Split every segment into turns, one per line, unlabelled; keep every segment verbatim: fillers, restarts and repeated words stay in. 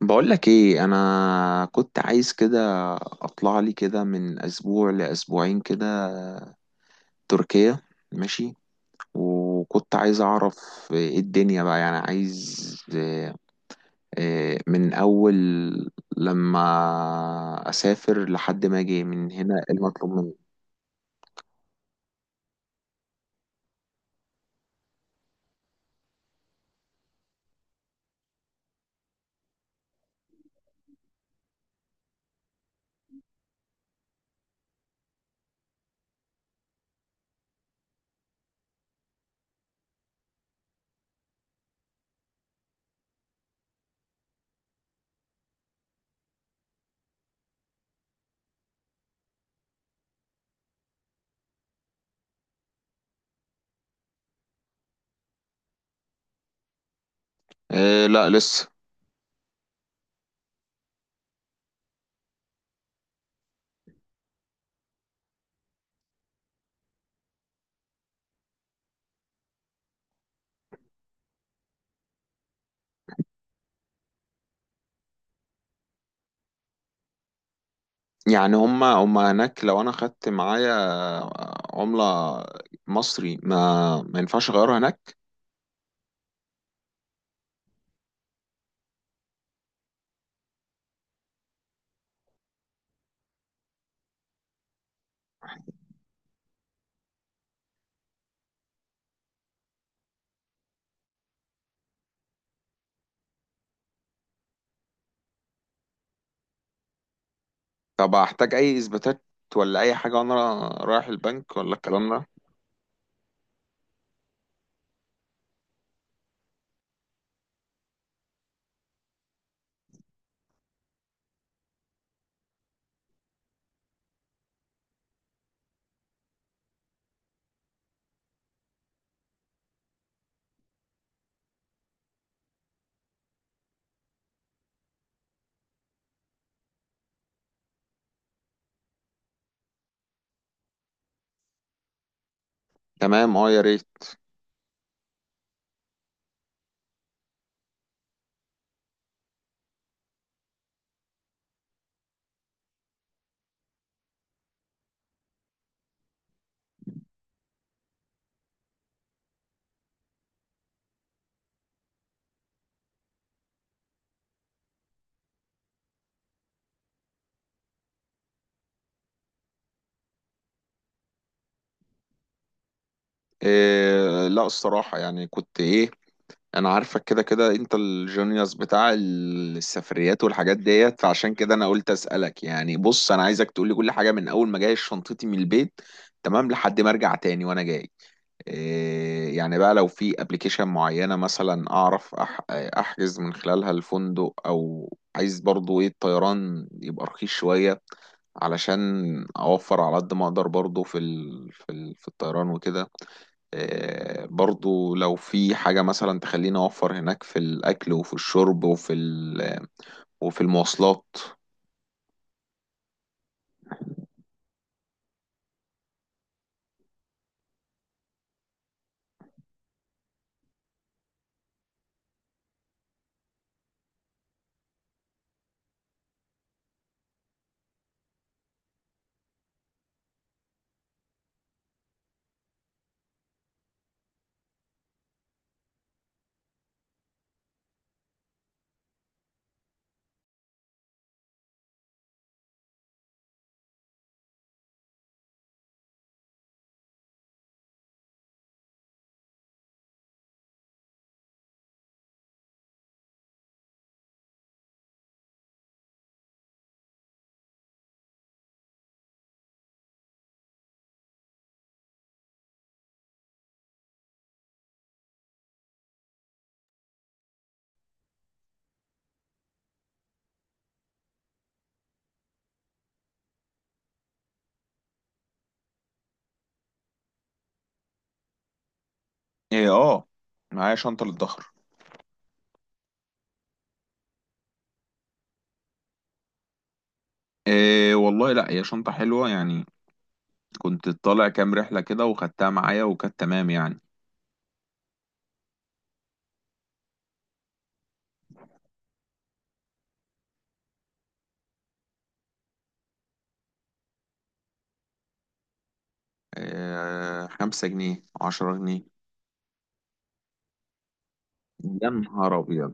بقولك ايه، انا كنت عايز كده اطلع لي كده من اسبوع لاسبوعين كده تركيا. ماشي. وكنت عايز اعرف ايه الدنيا بقى، يعني عايز إيه، إيه من اول لما اسافر لحد ما اجي من هنا إيه المطلوب مني. إيه لا لسه. يعني هما هما هناك لو انا خدت معايا عملة مصري ما ما ينفعش اغيرها هناك؟ طب هحتاج اي اثباتات ولا اي حاجه وانا رايح البنك ولا الكلام ده؟ تمام، اه يا ريت. إيه لا الصراحه، يعني كنت ايه، انا عارفك كده كده انت الجونيوس بتاع ال- السفريات والحاجات ديت، فعشان كده انا قلت اسالك. يعني بص انا عايزك تقول لي كل حاجه من اول ما جاي شنطتي من البيت تمام لحد ما ارجع تاني وانا جاي. إيه يعني بقى، لو في ابلكيشن معينه مثلا اعرف أح احجز من خلالها الفندق، او عايز برضو ايه الطيران يبقى رخيص شويه علشان اوفر على قد ما اقدر، برضو في ال في, ال في الطيران وكده. آه، برضو لو في حاجة مثلا تخليني أوفر هناك في الأكل وفي الشرب وفي ال- آه، وفي المواصلات. إيه، اه، معايا شنطة للظهر. إيه والله، لا هي شنطة حلوة يعني، كنت طالع كام رحلة كده وخدتها معايا وكانت تمام يعني. إيه، خمسة جنيه عشرة جنيه. يا نهار أبيض!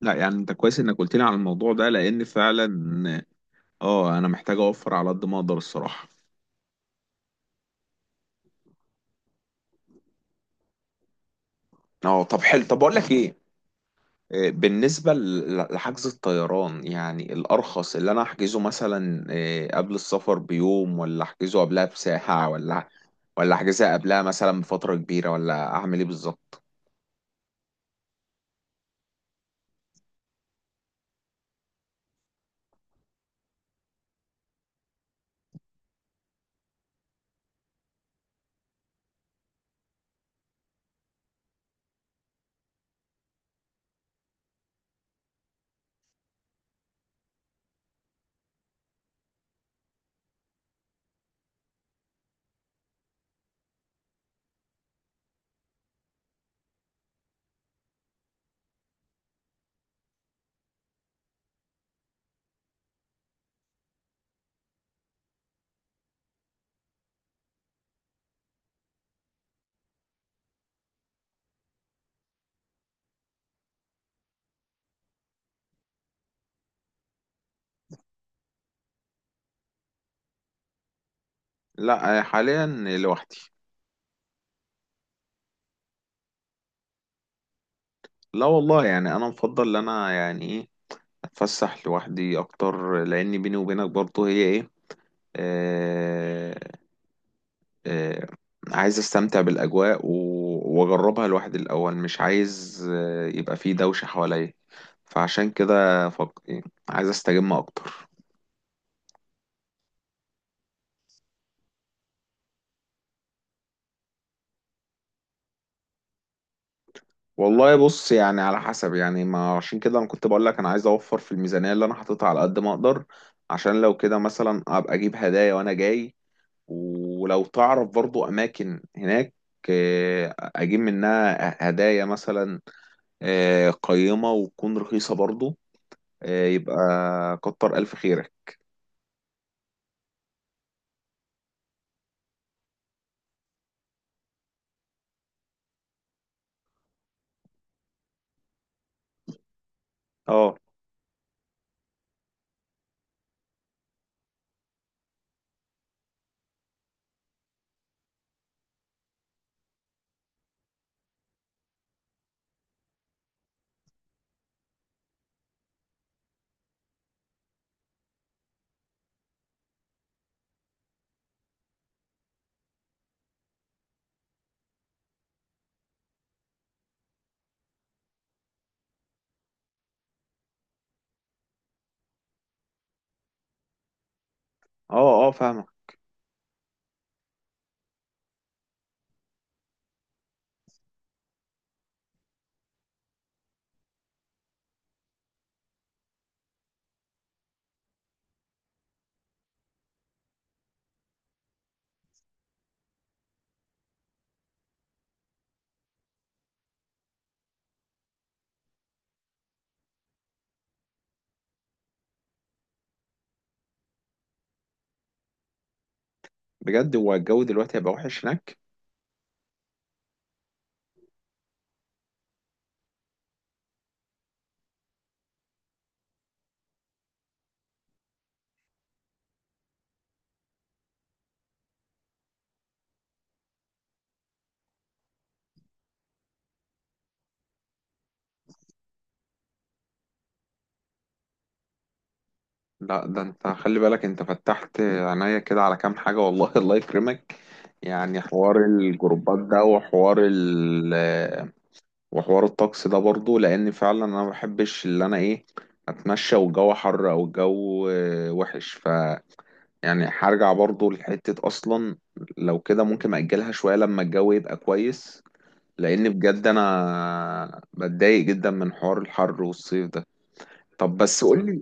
لا يعني انت كويس انك قلت لي على الموضوع ده، لان فعلا اه انا محتاج اوفر على قد ما اقدر الصراحة. اه طب حلو، طب بقول لك ايه، آه، بالنسبة ل- لحجز الطيران، يعني الأرخص اللي أنا أحجزه مثلا إيه، قبل السفر بيوم ولا أحجزه قبلها بساعة ولا ولا أحجزها قبلها مثلا بفترة كبيرة، ولا أعمل إيه بالظبط؟ لا آه، حاليا لوحدي. لا والله، يعني أنا مفضل إن أنا يعني إيه أتفسح لوحدي أكتر، لأن بيني وبينك برضه هي إيه، آه، آه، عايز استمتع بالاجواء و- واجربها لوحدي الاول، مش عايز آه، يبقى فيه دوشه حواليا، فعشان كده فق... عايز استجم اكتر. والله بص، يعني على حسب، يعني ما عشان كده انا كنت بقول لك انا عايز اوفر في الميزانيه اللي انا حاططها على قد ما اقدر، عشان لو كده مثلا ابقى اجيب هدايا وانا جاي. ولو تعرف برضو اماكن هناك آه، اجيب منها هدايا مثلا آه، قيمة وتكون رخيصة برضو آه، يبقى كتر ألف خيرك. اه اه، اه فاهمك. بجد هو الجو دلوقتي هيبقى وحش هناك؟ لا ده انت خلي بالك، انت فتحت عينيا كده على كام حاجة والله الله يكرمك. يعني حوار الجروبات ده، وحوار ال وحوار الطقس ده برضو، لأن فعلا أنا ما بحبش اللي أنا إيه أتمشى والجو حر، أو الجو آه، وحش، ف يعني هرجع برضو لحتة أصلا. لو كده ممكن أجلها شوية لما الجو يبقى كويس، لان بجد انا بتضايق جدا من حوار الحر والصيف ده. طب بس قول لي،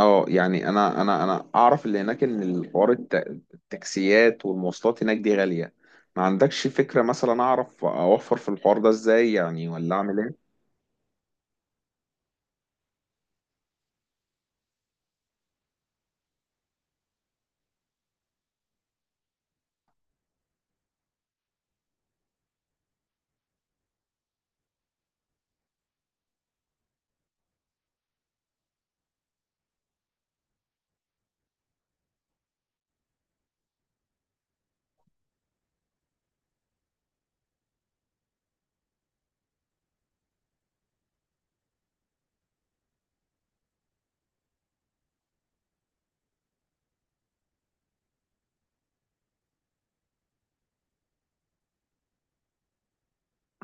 اه يعني انا انا انا اعرف اللي هناك ان الحوار الت- التاكسيات والمواصلات هناك دي غالية. ما عندكش فكرة مثلا اعرف اوفر في الحوار ده ازاي، يعني ولا اعمل ايه؟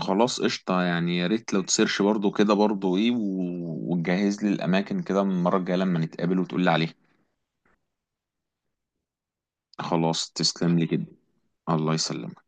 خلاص قشطة، يعني يا ريت لو تسيرش برضو كده برضو ايه و- وتجهز لي الأماكن كده من المرة الجاية لما نتقابل وتقول لي عليها. خلاص تسلم لي كده. الله يسلمك.